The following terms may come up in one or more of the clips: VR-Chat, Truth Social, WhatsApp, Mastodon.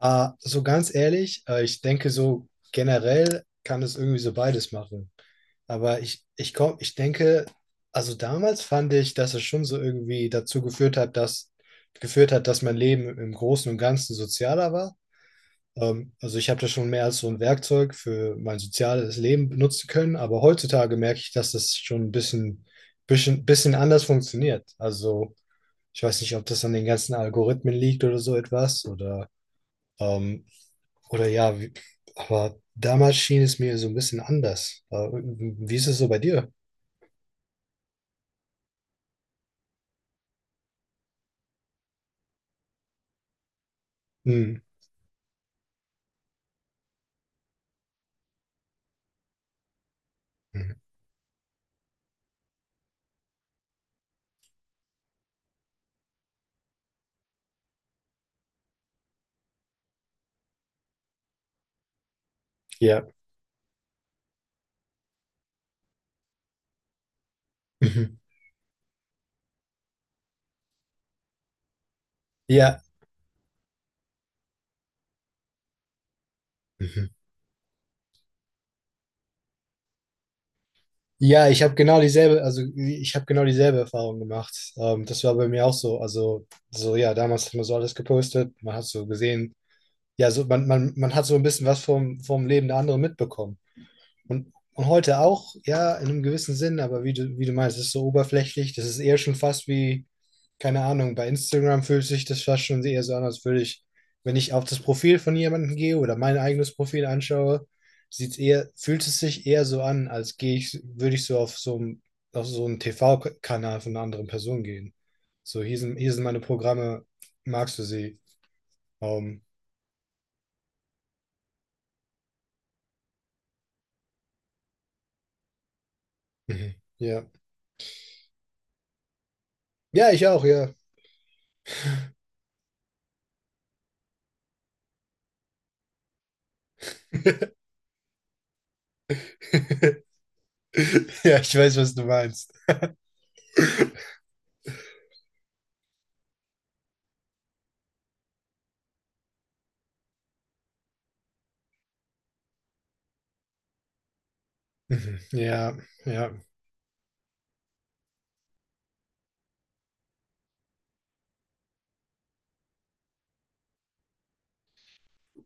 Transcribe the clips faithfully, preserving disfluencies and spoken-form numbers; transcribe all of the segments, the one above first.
Äh, so ganz ehrlich, äh, ich denke, so generell kann es irgendwie so beides machen. Aber ich, ich komm, ich denke, also damals fand ich, dass es schon so irgendwie dazu geführt hat, dass geführt hat, dass mein Leben im Großen und Ganzen sozialer war. Ähm, also ich habe das schon mehr als so ein Werkzeug für mein soziales Leben benutzen können, aber heutzutage merke ich, dass das schon ein bisschen, bisschen, bisschen anders funktioniert. Also ich weiß nicht, ob das an den ganzen Algorithmen liegt oder so etwas oder ähm, oder ja, wie, aber damals schien es mir so ein bisschen anders. Äh, Wie ist es so bei dir? Hm. Mhm. Ja. Mhm. Ja. Mhm. Ja, ich habe genau dieselbe, also ich habe genau dieselbe Erfahrung gemacht. Ähm, das war bei mir auch so. Also, so ja, damals hat man so alles gepostet, man hat so gesehen, ja, so man, man, man hat so ein bisschen was vom, vom Leben der anderen mitbekommen. Und, und heute auch, ja, in einem gewissen Sinn, aber wie du, wie du meinst, es ist so oberflächlich, das ist eher schon fast wie, keine Ahnung, bei Instagram fühlt sich das fast schon eher so an, als würde ich, wenn ich auf das Profil von jemandem gehe oder mein eigenes Profil anschaue, sieht's eher, fühlt es sich eher so an, als gehe ich, würde ich so auf so ein, auf so einen T V-Kanal von einer anderen Person gehen. So, hier sind, hier sind meine Programme, magst du sie? Ähm, mhm. Ja. Ja, ich auch, ja. Ja, ich weiß, was du meinst. Mhm. Ja, ja,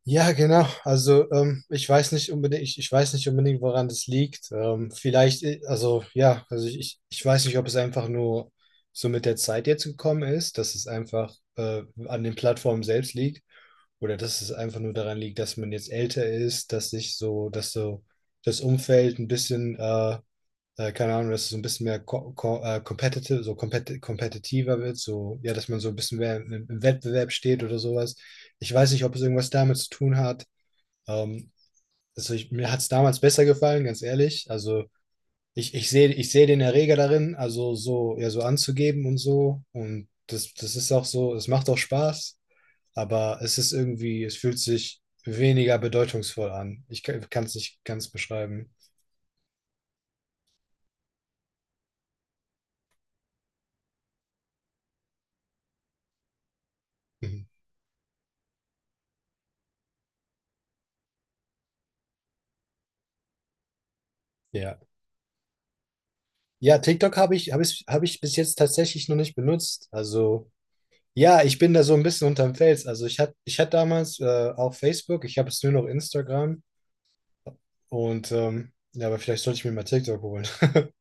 ja, genau. Also ähm, ich weiß nicht unbedingt, ich, ich weiß nicht unbedingt, woran das liegt. Ähm, vielleicht, äh, also ja, also ich, ich ich weiß nicht, ob es einfach nur so mit der Zeit jetzt gekommen ist, dass es einfach äh, an den Plattformen selbst liegt oder dass es einfach nur daran liegt, dass man jetzt älter ist, dass sich so, dass so das Umfeld ein bisschen äh, äh, keine Ahnung, dass es so ein bisschen mehr ko ko äh, competitive, so kompet kompetitiver wird, so, ja, dass man so ein bisschen mehr im, im Wettbewerb steht oder sowas. Ich weiß nicht, ob es irgendwas damit zu tun hat. Ähm, also ich, mir hat es damals besser gefallen, ganz ehrlich. Also ich, ich sehe ich sehe den Erreger darin, also so, ja, so anzugeben und so. Und das, das ist auch so, es macht auch Spaß, aber es ist irgendwie, es fühlt sich weniger bedeutungsvoll an. Ich kann es nicht ganz beschreiben. Mhm. Ja. Ja, TikTok habe ich, habe ich, habe ich bis jetzt tatsächlich noch nicht benutzt. Also, ja, ich bin da so ein bisschen unterm Fels. Also, ich hatte ich hatte damals äh, auch Facebook, ich habe jetzt nur noch Instagram und ähm, ja, aber vielleicht sollte ich mir mal TikTok holen.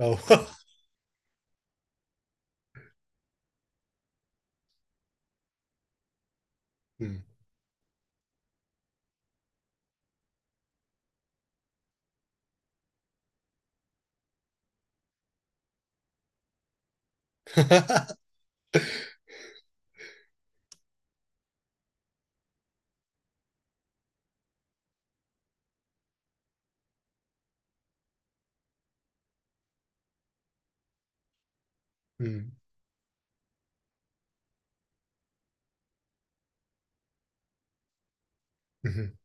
Oh. Hm. Hm. Mhm.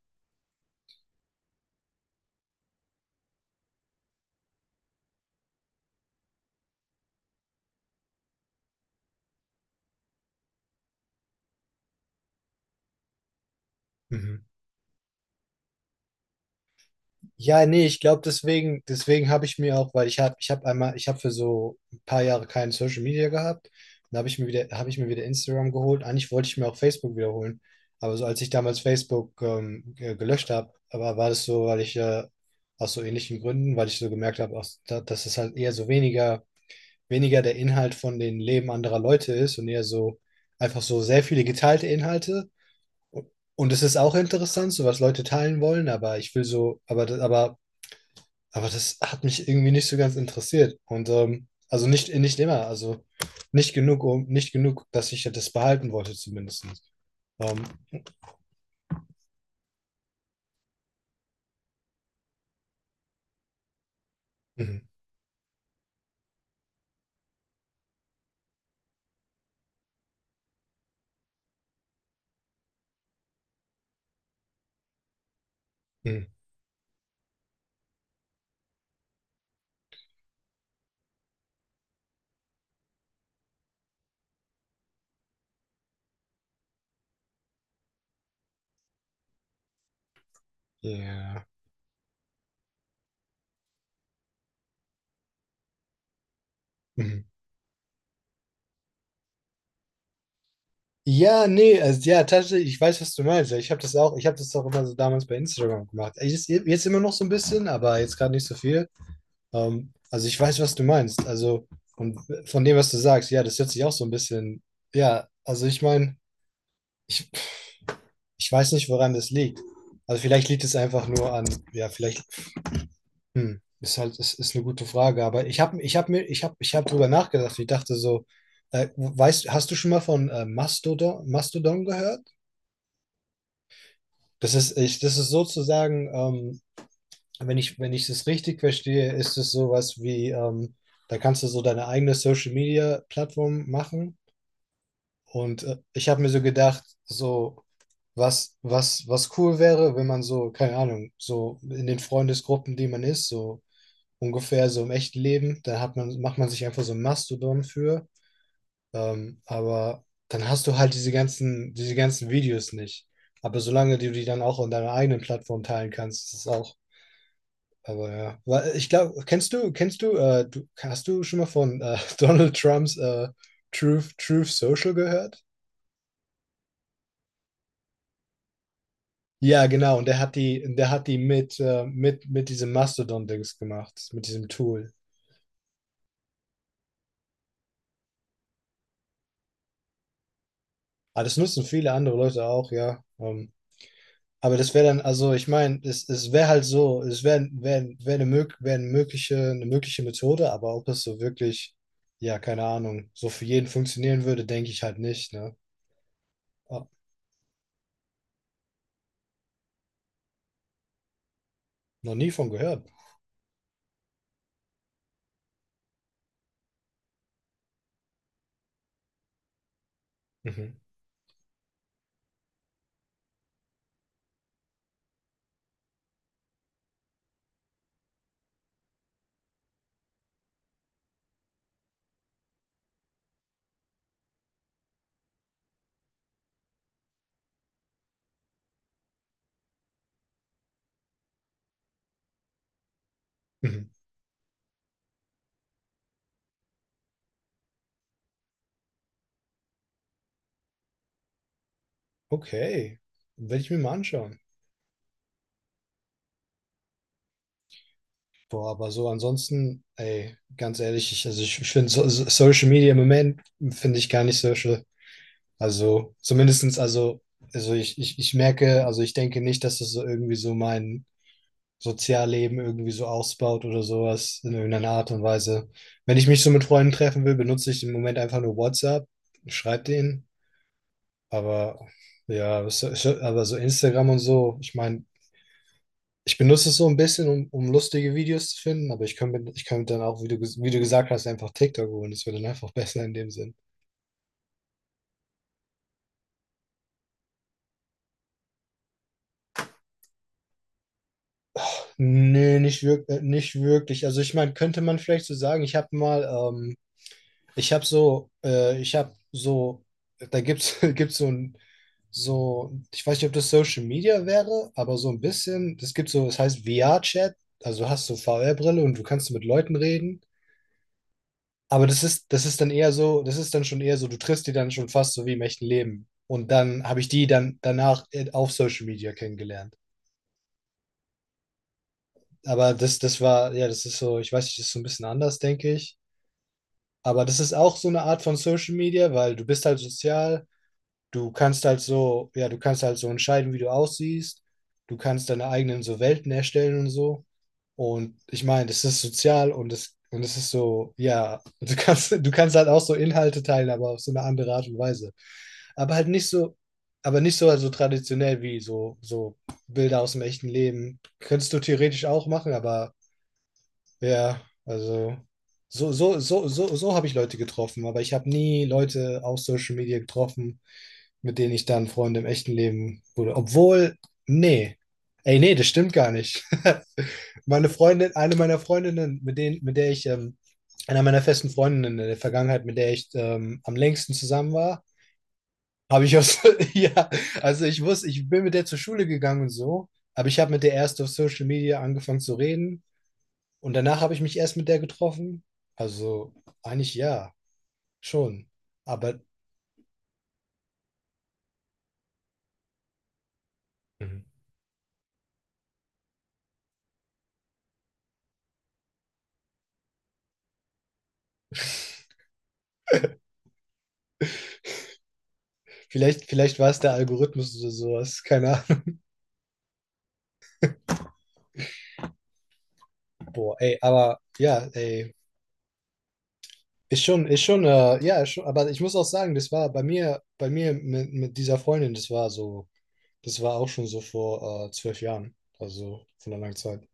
Mhm. Ja, nee, ich glaube, deswegen, deswegen habe ich mir auch, weil ich habe, ich habe einmal, ich habe für so ein paar Jahre kein Social Media gehabt. Dann habe ich mir wieder, habe ich mir wieder Instagram geholt. Eigentlich wollte ich mir auch Facebook wiederholen. Aber so als ich damals Facebook ähm, ge- gelöscht habe, aber war das so, weil ich äh, aus so ähnlichen Gründen, weil ich so gemerkt habe, aus- da- dass es halt eher so weniger, weniger der Inhalt von den Leben anderer Leute ist und eher so einfach so sehr viele geteilte Inhalte. Und es ist auch interessant, so was Leute teilen wollen, aber ich will so, aber, aber aber das hat mich irgendwie nicht so ganz interessiert. Und ähm, also nicht, nicht immer, also nicht genug, um, nicht genug, dass ich das behalten wollte, zumindest. Ähm, mhm, mhm, ja. Mhm. Ja, nee, also ja, tatsächlich, ich weiß, was du meinst. Ich habe das auch, ich habe das auch immer so damals bei Instagram gemacht. Ich, jetzt jetzt immer noch so ein bisschen, aber jetzt gerade nicht so viel. Ähm, also ich weiß, was du meinst. Also, und äh, von dem, was du sagst, ja, das hört sich auch so ein bisschen, ja, also ich meine, ich, ich weiß nicht, woran das liegt. Also vielleicht liegt es einfach nur an, ja, vielleicht, hm, ist halt, ist, ist eine gute Frage, aber ich habe ich hab mir, ich habe ich hab drüber nachgedacht. Ich dachte so, äh, weißt, hast du schon mal von äh, Mastodon, Mastodon gehört? Das ist, ich, das ist sozusagen, ähm, wenn ich, wenn ich das richtig verstehe, ist es sowas wie, ähm, da kannst du so deine eigene Social Media Plattform machen. Und äh, ich habe mir so gedacht, so, was, was, was cool wäre, wenn man so, keine Ahnung, so in den Freundesgruppen, die man ist, so ungefähr so im echten Leben, dann hat man, macht man sich einfach so ein Mastodon für. Ähm, aber dann hast du halt diese ganzen, diese ganzen Videos nicht. Aber solange du die dann auch in deiner eigenen Plattform teilen kannst, ist es auch. Aber ja. Weil ich glaube, kennst du, kennst du, äh, du, hast du schon mal von äh, Donald Trumps äh, Truth, Truth Social gehört? Ja, genau. Und der hat die, der hat die mit, äh, mit, mit diesem Mastodon-Dings gemacht, mit diesem Tool. Aber das nutzen viele andere Leute auch, ja. Ähm, aber das wäre dann, also ich meine, es, es wäre halt so, es wäre wär, wär eine, mög wär eine, mögliche, eine mögliche Methode, aber ob das so wirklich, ja, keine Ahnung, so für jeden funktionieren würde, denke ich halt nicht, ne? Ah, noch nie von gehört. Mhm. Mhm. Okay. Werde ich mir mal anschauen. Boah, aber so ansonsten, ey, ganz ehrlich, ich, also ich, ich finde so, so- Social Media im Moment finde ich gar nicht social. Also zumindestens, also, also ich, ich, ich merke, also ich denke nicht, dass das so irgendwie so mein Sozialleben irgendwie so ausbaut oder sowas in irgendeiner Art und Weise. Wenn ich mich so mit Freunden treffen will, benutze ich im Moment einfach nur WhatsApp, schreibe denen, aber ja, so, so- aber so Instagram und so, ich meine, ich benutze es so ein bisschen, um, um lustige Videos zu finden, aber ich könnte, mir- ich könnte dann auch, wie du, ges- wie du gesagt hast, einfach TikTok holen. Das wäre dann einfach besser in dem Sinn. Nee, nicht wirklich, nicht wirklich. Also ich meine, könnte man vielleicht so sagen, ich habe mal, ähm, ich habe so, äh, ich habe so, da gibt's, gibt's so ein, so, ich weiß nicht, ob das Social Media wäre, aber so ein bisschen, es gibt so, es heißt V R-Chat, also du hast du V R-Brille und du kannst mit Leuten reden. Aber das ist, das ist dann eher so, das ist dann schon eher so, du triffst die dann schon fast so wie im echten Leben. Und dann habe ich die dann danach auf Social Media kennengelernt. Aber das, das war, ja, das ist so, ich weiß nicht, das ist so ein bisschen anders, denke ich. Aber das ist auch so eine Art von Social Media, weil du bist halt sozial, du kannst halt so, ja, du kannst halt so entscheiden, wie du aussiehst, du kannst deine eigenen so Welten erstellen und so. Und ich meine, es ist sozial und es, und es ist so, ja, du kannst, du kannst halt auch so Inhalte teilen, aber auf so eine andere Art und Weise. Aber halt nicht so, aber nicht so also traditionell wie so, so Bilder aus dem echten Leben. Könntest du theoretisch auch machen, aber ja, also so, so, so, so, so habe ich Leute getroffen, aber ich habe nie Leute auf Social Media getroffen, mit denen ich dann Freunde im echten Leben wurde. Obwohl, nee. Ey, nee, das stimmt gar nicht. Meine Freundin, eine meiner Freundinnen, mit denen, mit der ich, ähm, einer meiner festen Freundinnen in der Vergangenheit, mit der ich ähm, am längsten zusammen war, habe ich aus, ja, also ich wusste, ich bin mit der zur Schule gegangen und so, aber ich habe mit der erst auf Social Media angefangen zu reden und danach habe ich mich erst mit der getroffen. Also eigentlich ja, schon. Aber Mhm. vielleicht, vielleicht war es der Algorithmus oder sowas. Keine Ahnung. Boah, ey, aber ja, ey. Ist schon, ist schon, äh, ja, ist schon, aber ich muss auch sagen, das war bei mir, bei mir mit, mit dieser Freundin, das war so, das war auch schon so vor äh, zwölf Jahren. Also von einer langen Zeit.